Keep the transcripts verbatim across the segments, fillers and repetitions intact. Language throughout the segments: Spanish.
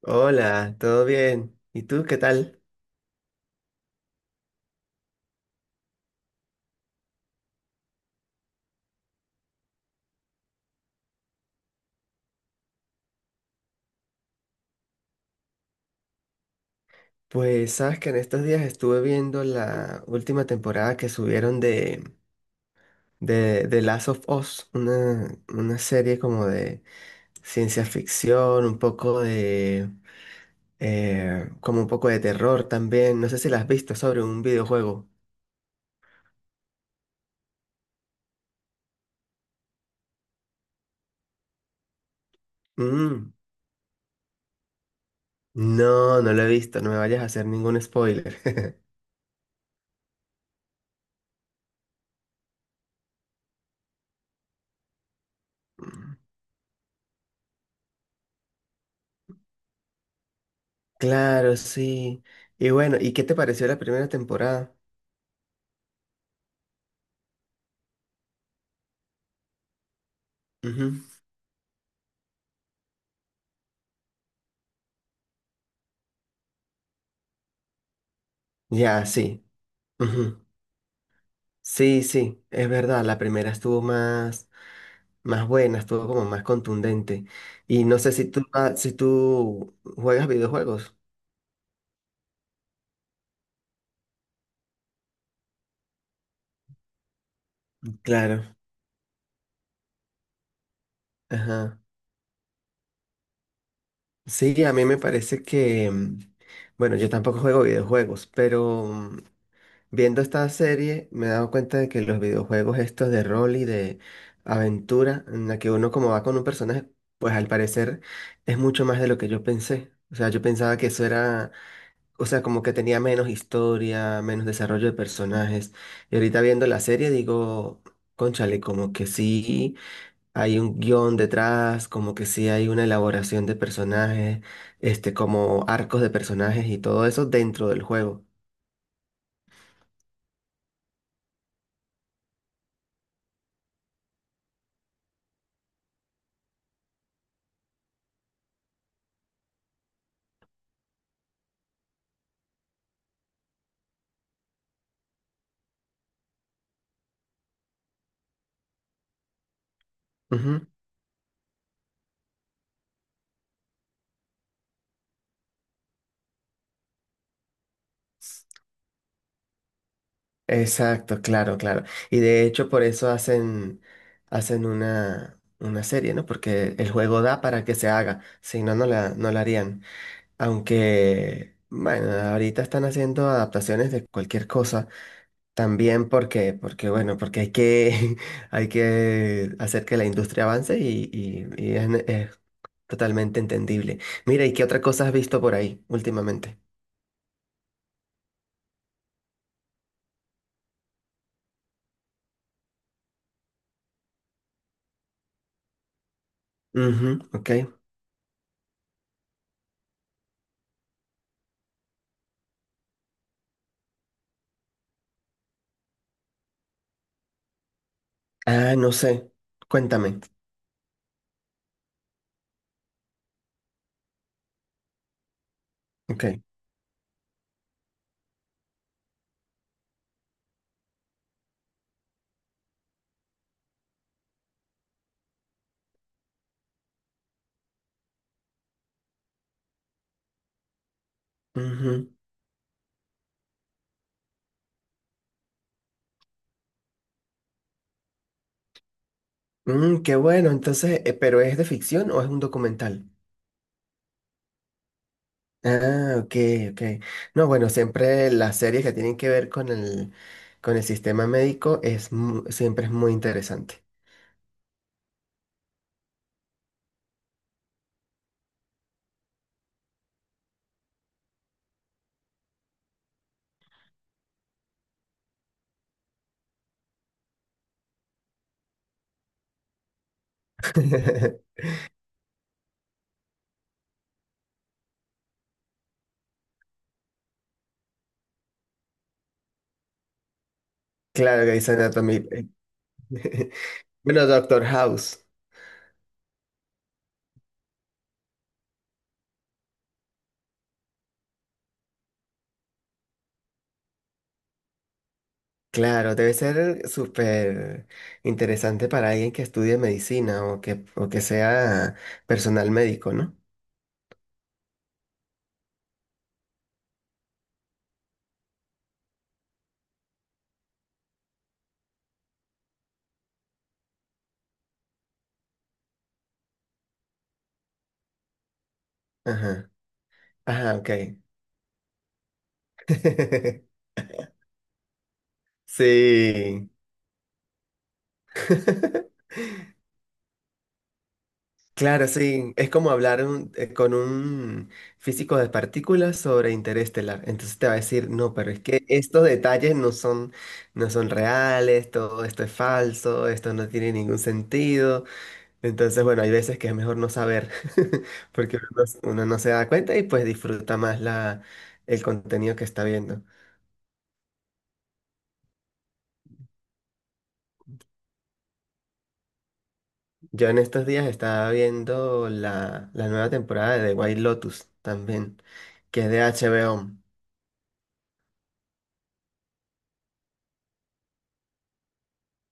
Hola, ¿todo bien? ¿Y tú qué tal? Pues sabes que en estos días estuve viendo la última temporada que subieron de, de, de Last of Us, una, una serie como de ciencia ficción, un poco de... eh, como un poco de terror también. No sé si la has visto sobre un videojuego. Mm, no, no lo he visto, no me vayas a hacer ningún spoiler. Claro, sí. Y bueno, ¿y qué te pareció la primera temporada? Ujú. Ya, sí. Ujú. Sí, sí, es verdad, la primera estuvo más, más buena, estuvo como más contundente. Y no sé si tú, ah, si tú juegas videojuegos. Claro. Ajá. Sí, a mí me parece que, mm, bueno, yo tampoco juego videojuegos, pero mm, viendo esta serie me he dado cuenta de que los videojuegos estos de rol y de aventura, en la que uno como va con un personaje, pues al parecer es mucho más de lo que yo pensé. O sea, yo pensaba que eso era. O sea, como que tenía menos historia, menos desarrollo de personajes. Y ahorita viendo la serie digo, cónchale, como que sí hay un guión detrás, como que sí hay una elaboración de personajes, este, como arcos de personajes y todo eso dentro del juego. Ujú. Exacto, claro, claro. Y de hecho por eso hacen, hacen una, una serie, ¿no? Porque el juego da para que se haga, si no, no la, no la harían. Aunque, bueno, ahorita están haciendo adaptaciones de cualquier cosa. También porque, porque bueno, porque hay que, hay que hacer que la industria avance y, y- y es, ne- es totalmente entendible. Mira, ¿y qué otra cosa has visto por ahí últimamente? Ujú, ok. Ah, no sé. Cuéntame. Ok. Ujú. Mm, qué bueno, entonces, eh, ¿pero es de ficción o es un documental? Ah, ok, ok. No, bueno, siempre las series que tienen que ver con el, con el sistema médico es mu- siempre es muy interesante. Claro, Grey's Anatomy. Bueno, Doctor House. Claro, debe ser súper interesante para alguien que estudie medicina o que, o que sea personal médico, ¿no? Ajá. Ajá, ok. Sí. Claro, sí, es como hablar un- eh, con un físico de partículas sobre interestelar. Entonces te va a decir, no, pero es que estos detalles no son, no son reales, todo esto es falso, esto no tiene ningún sentido. Entonces, bueno, hay veces que es mejor no saber, porque uno, no s- uno no se da cuenta y pues disfruta más la, el contenido que está viendo. Yo en estos días estaba viendo la, la nueva temporada de The White Lotus también, que es de H B O.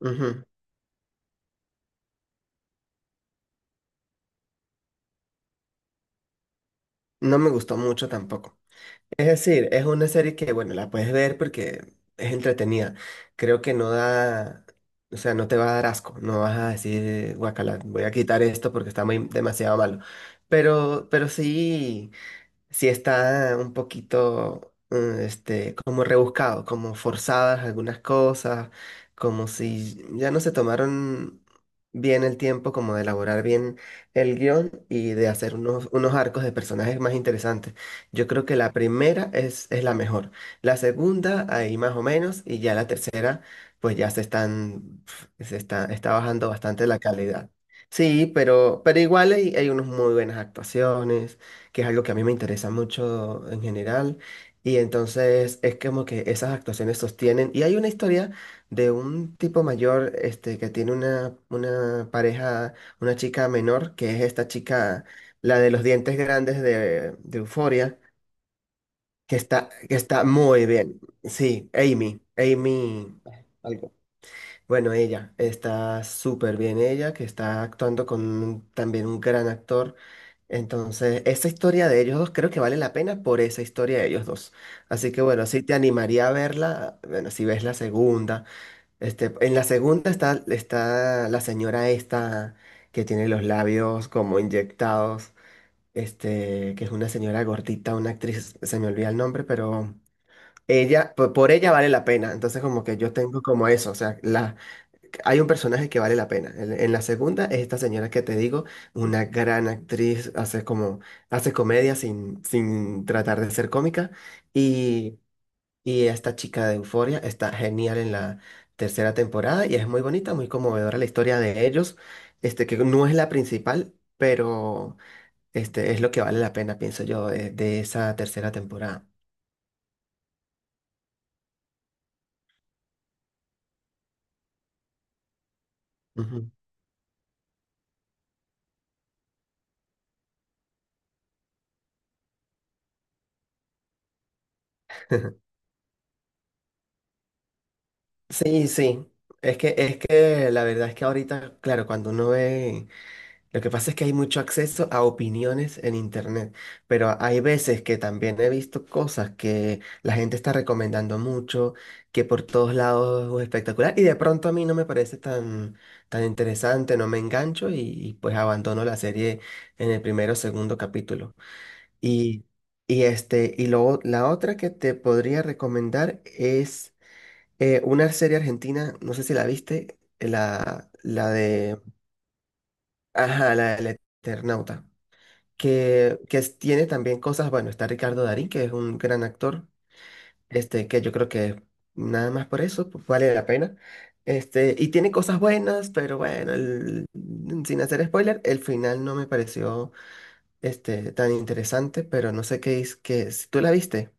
Ujú. No me gustó mucho tampoco. Es decir, es una serie que, bueno, la puedes ver porque es entretenida. Creo que no da, o sea, no te va a dar asco. No vas a decir, guacala, voy a quitar esto porque está muy, demasiado malo. Pero, pero sí sí está un poquito, mm, este, como rebuscado, como forzadas algunas cosas, como si ya no se tomaron bien el tiempo como de elaborar bien el guión y de hacer unos, unos arcos de personajes más interesantes. Yo creo que la primera es, es la mejor, la segunda ahí más o menos y ya la tercera pues ya se están, pf, se está, está bajando bastante la calidad. Sí, pero, pero igual hay, hay unas muy buenas actuaciones que es algo que a mí me interesa mucho en general. Y entonces es como que esas actuaciones sostienen. Y hay una historia de un tipo mayor, este, que tiene una, una pareja, una chica menor, que es esta chica, la de los dientes grandes de, de Euphoria, que está, que está muy bien. Sí, Amy, Amy. Algo. Bueno, ella está súper bien, ella que está actuando con un- también un gran actor. Entonces, esa historia de ellos dos creo que vale la pena por esa historia de ellos dos. Así que bueno, sí te animaría a verla, bueno, si ves la segunda. Este, en la segunda está, está la señora esta que tiene los labios como inyectados, este, que es una señora gordita, una actriz, se me olvida el nombre, pero ella, po- por, ella vale la pena. Entonces, como que yo tengo como eso, o sea, las hay un personaje que vale la pena. En, en la segunda es esta señora que te digo, una gran actriz, hace como, hace comedia sin, sin tratar de ser cómica. Y, y esta chica de Euforia está genial en la tercera temporada y es muy bonita, muy conmovedora la historia de ellos, este, que no es la principal, pero este, es lo que vale la pena, pienso yo, de, de esa tercera temporada. Ujú. Sí, sí. Es que, es que la verdad es que ahorita, claro, cuando uno ve. Lo que pasa es que hay mucho acceso a opiniones en internet, pero hay veces que también he visto cosas que la gente está recomendando mucho, que por todos lados es espectacular, y de pronto a mí no me parece tan, tan interesante, no me engancho y, y pues abandono la serie en el primero o segundo capítulo. Y, y, este, y luego la otra que te podría recomendar es eh, una serie argentina, no sé si la viste, la, la de... Ajá, la del Eternauta que, que es- tiene también cosas, bueno, está Ricardo Darín, que es un gran actor, este, que yo creo que nada más por eso pues, vale la pena. Este, y tiene cosas buenas, pero bueno, el- mm, sin hacer spoiler, el final no me pareció este, tan interesante, pero no sé qué es, que si tú la viste.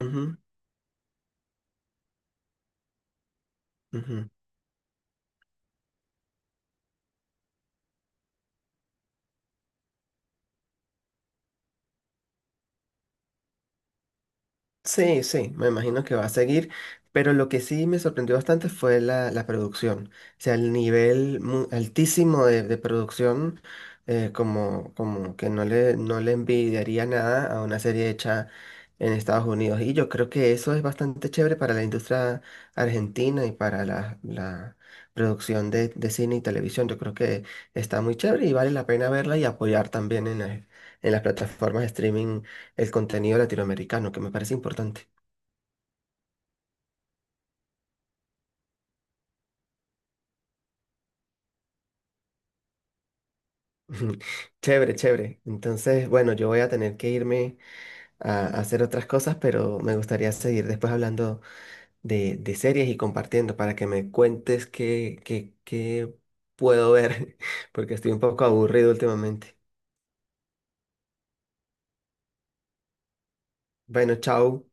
Ujú, ujú. Sí, sí, me imagino que va a seguir, pero lo que sí me sorprendió bastante fue la, la producción, o sea, el nivel mu- altísimo de, de producción, eh, como, como que no le, no le envidiaría nada a una serie hecha en Estados Unidos. Y yo creo que eso es bastante chévere para la industria argentina y para la, la producción de, de cine y televisión. Yo creo que está muy chévere y vale la pena verla y apoyar también en, el- en las plataformas de streaming el contenido latinoamericano, que me parece importante. Chévere, chévere. Entonces, bueno, yo voy a tener que irme a, a hacer otras cosas, pero me gustaría seguir después hablando de, de series y compartiendo para que me cuentes qué, qué, qué puedo ver, porque estoy un poco aburrido últimamente. Bueno, chao.